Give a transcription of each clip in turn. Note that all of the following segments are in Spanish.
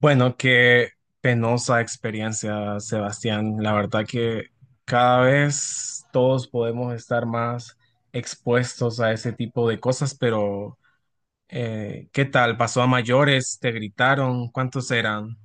Bueno, qué penosa experiencia, Sebastián. La verdad que cada vez todos podemos estar más expuestos a ese tipo de cosas, pero ¿qué tal? ¿Pasó a mayores? ¿Te gritaron? ¿Cuántos eran?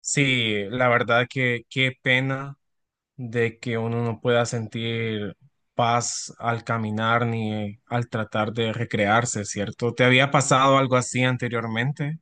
Sí, la verdad que qué pena de que uno no pueda sentir paz al caminar ni al tratar de recrearse, ¿cierto? ¿Te había pasado algo así anteriormente?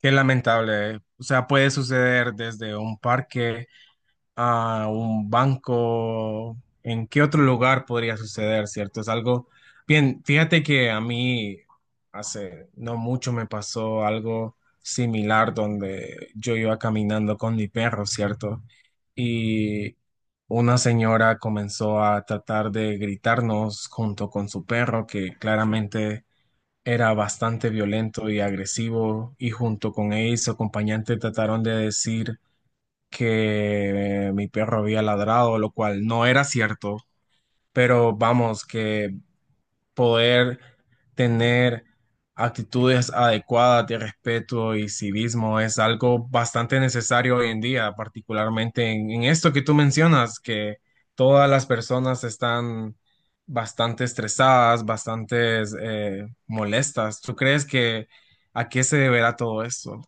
Qué lamentable, ¿eh? O sea, puede suceder desde un parque a un banco, ¿en qué otro lugar podría suceder, cierto? Es algo, bien, fíjate que a mí hace no mucho me pasó algo similar donde yo iba caminando con mi perro, ¿cierto? Y una señora comenzó a tratar de gritarnos junto con su perro, que claramente era bastante violento y agresivo, y junto con ella y su acompañante trataron de decir que mi perro había ladrado, lo cual no era cierto, pero vamos, que poder tener actitudes adecuadas de respeto y civismo es algo bastante necesario hoy en día, particularmente en esto que tú mencionas, que todas las personas están bastante estresadas, bastante molestas. ¿Tú crees que a qué se deberá todo esto?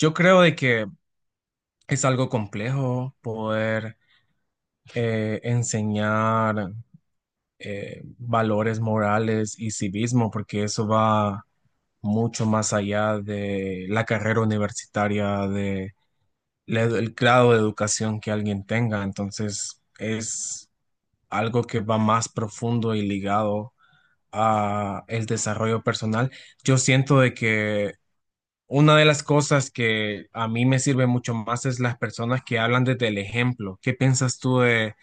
Yo creo de que es algo complejo poder enseñar valores morales y civismo, porque eso va mucho más allá de la carrera universitaria, de el grado de educación que alguien tenga. Entonces, es algo que va más profundo y ligado a el desarrollo personal. Yo siento de que una de las cosas que a mí me sirve mucho más es las personas que hablan desde el ejemplo. ¿Qué piensas tú de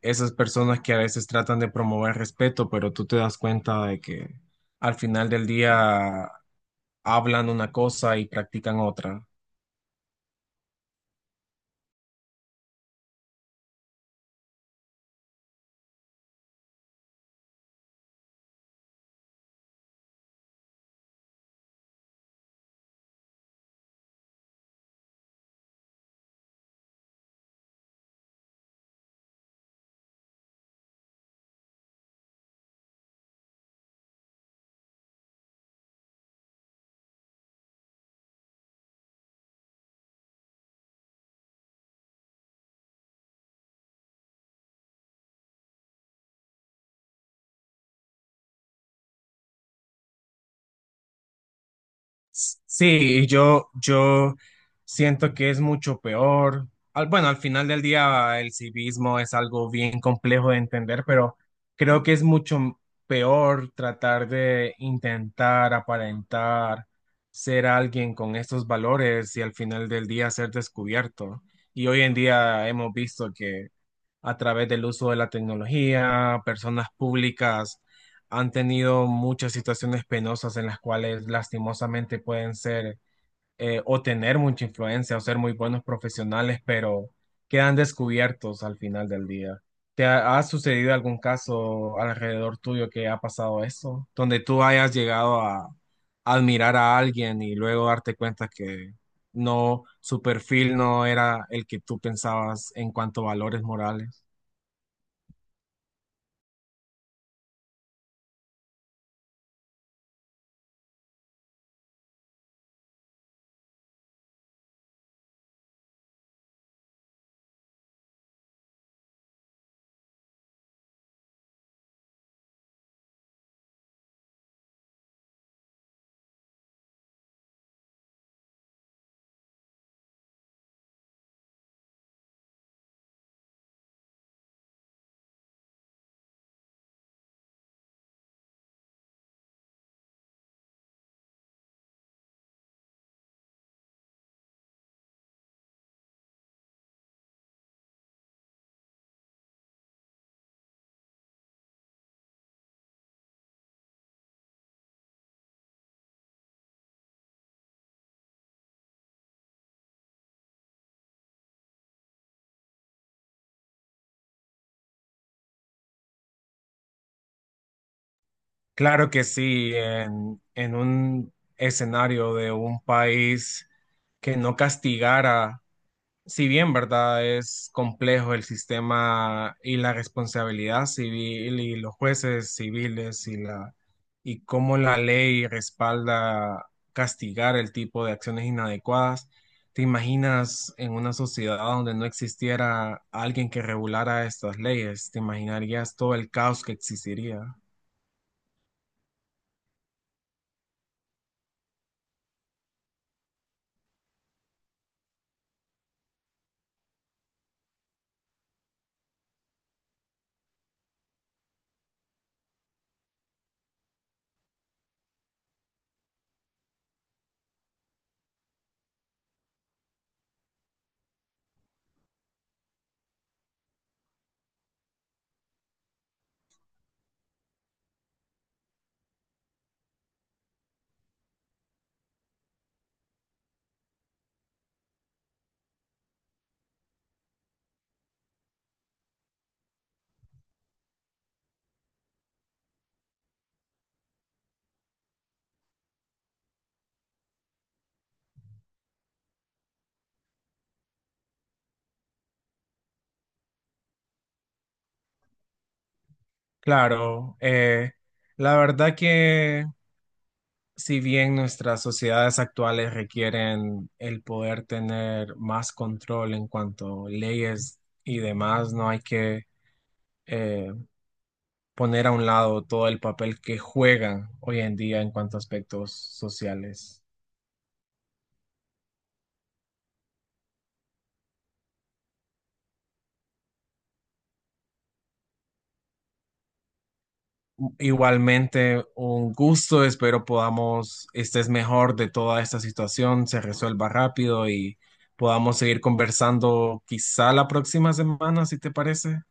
esas personas que a veces tratan de promover respeto, pero tú te das cuenta de que al final del día hablan una cosa y practican otra? Sí, y yo siento que es mucho peor. Al- bueno, al final del día el civismo es algo bien complejo de entender, pero creo que es mucho peor tratar de intentar aparentar ser alguien con estos valores y al final del día ser descubierto. Y hoy en día hemos visto a través del uso de la tecnología, personas públicas han tenido muchas situaciones penosas en las cuales lastimosamente pueden ser o tener mucha influencia o ser muy buenos profesionales, pero quedan descubiertos al final del día. ¿Te ha sucedido algún caso alrededor tuyo que ha pasado eso? Donde tú hayas llegado a admirar a alguien y luego darte cuenta que no, su perfil no era el que tú pensabas en cuanto a valores morales. Claro que sí, en un escenario de un país que no castigara, si bien, ¿verdad? Es complejo el sistema y la responsabilidad civil y los jueces civiles y la y cómo la ley respalda castigar el tipo de acciones inadecuadas. ¿Te imaginas en una sociedad donde no existiera alguien que regulara estas leyes? ¿Te imaginarías todo el caos que existiría? Claro, la verdad que si bien nuestras sociedades actuales requieren el poder tener más control en cuanto a leyes y demás, no hay que eh, poner a un lado todo el papel que juegan hoy en día en cuanto a aspectos sociales. Igualmente, un gusto. Espero podamos, estés mejor de toda esta situación, se resuelva rápido y podamos seguir conversando quizá la próxima semana, si te parece.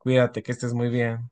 Cuídate, que estés muy bien.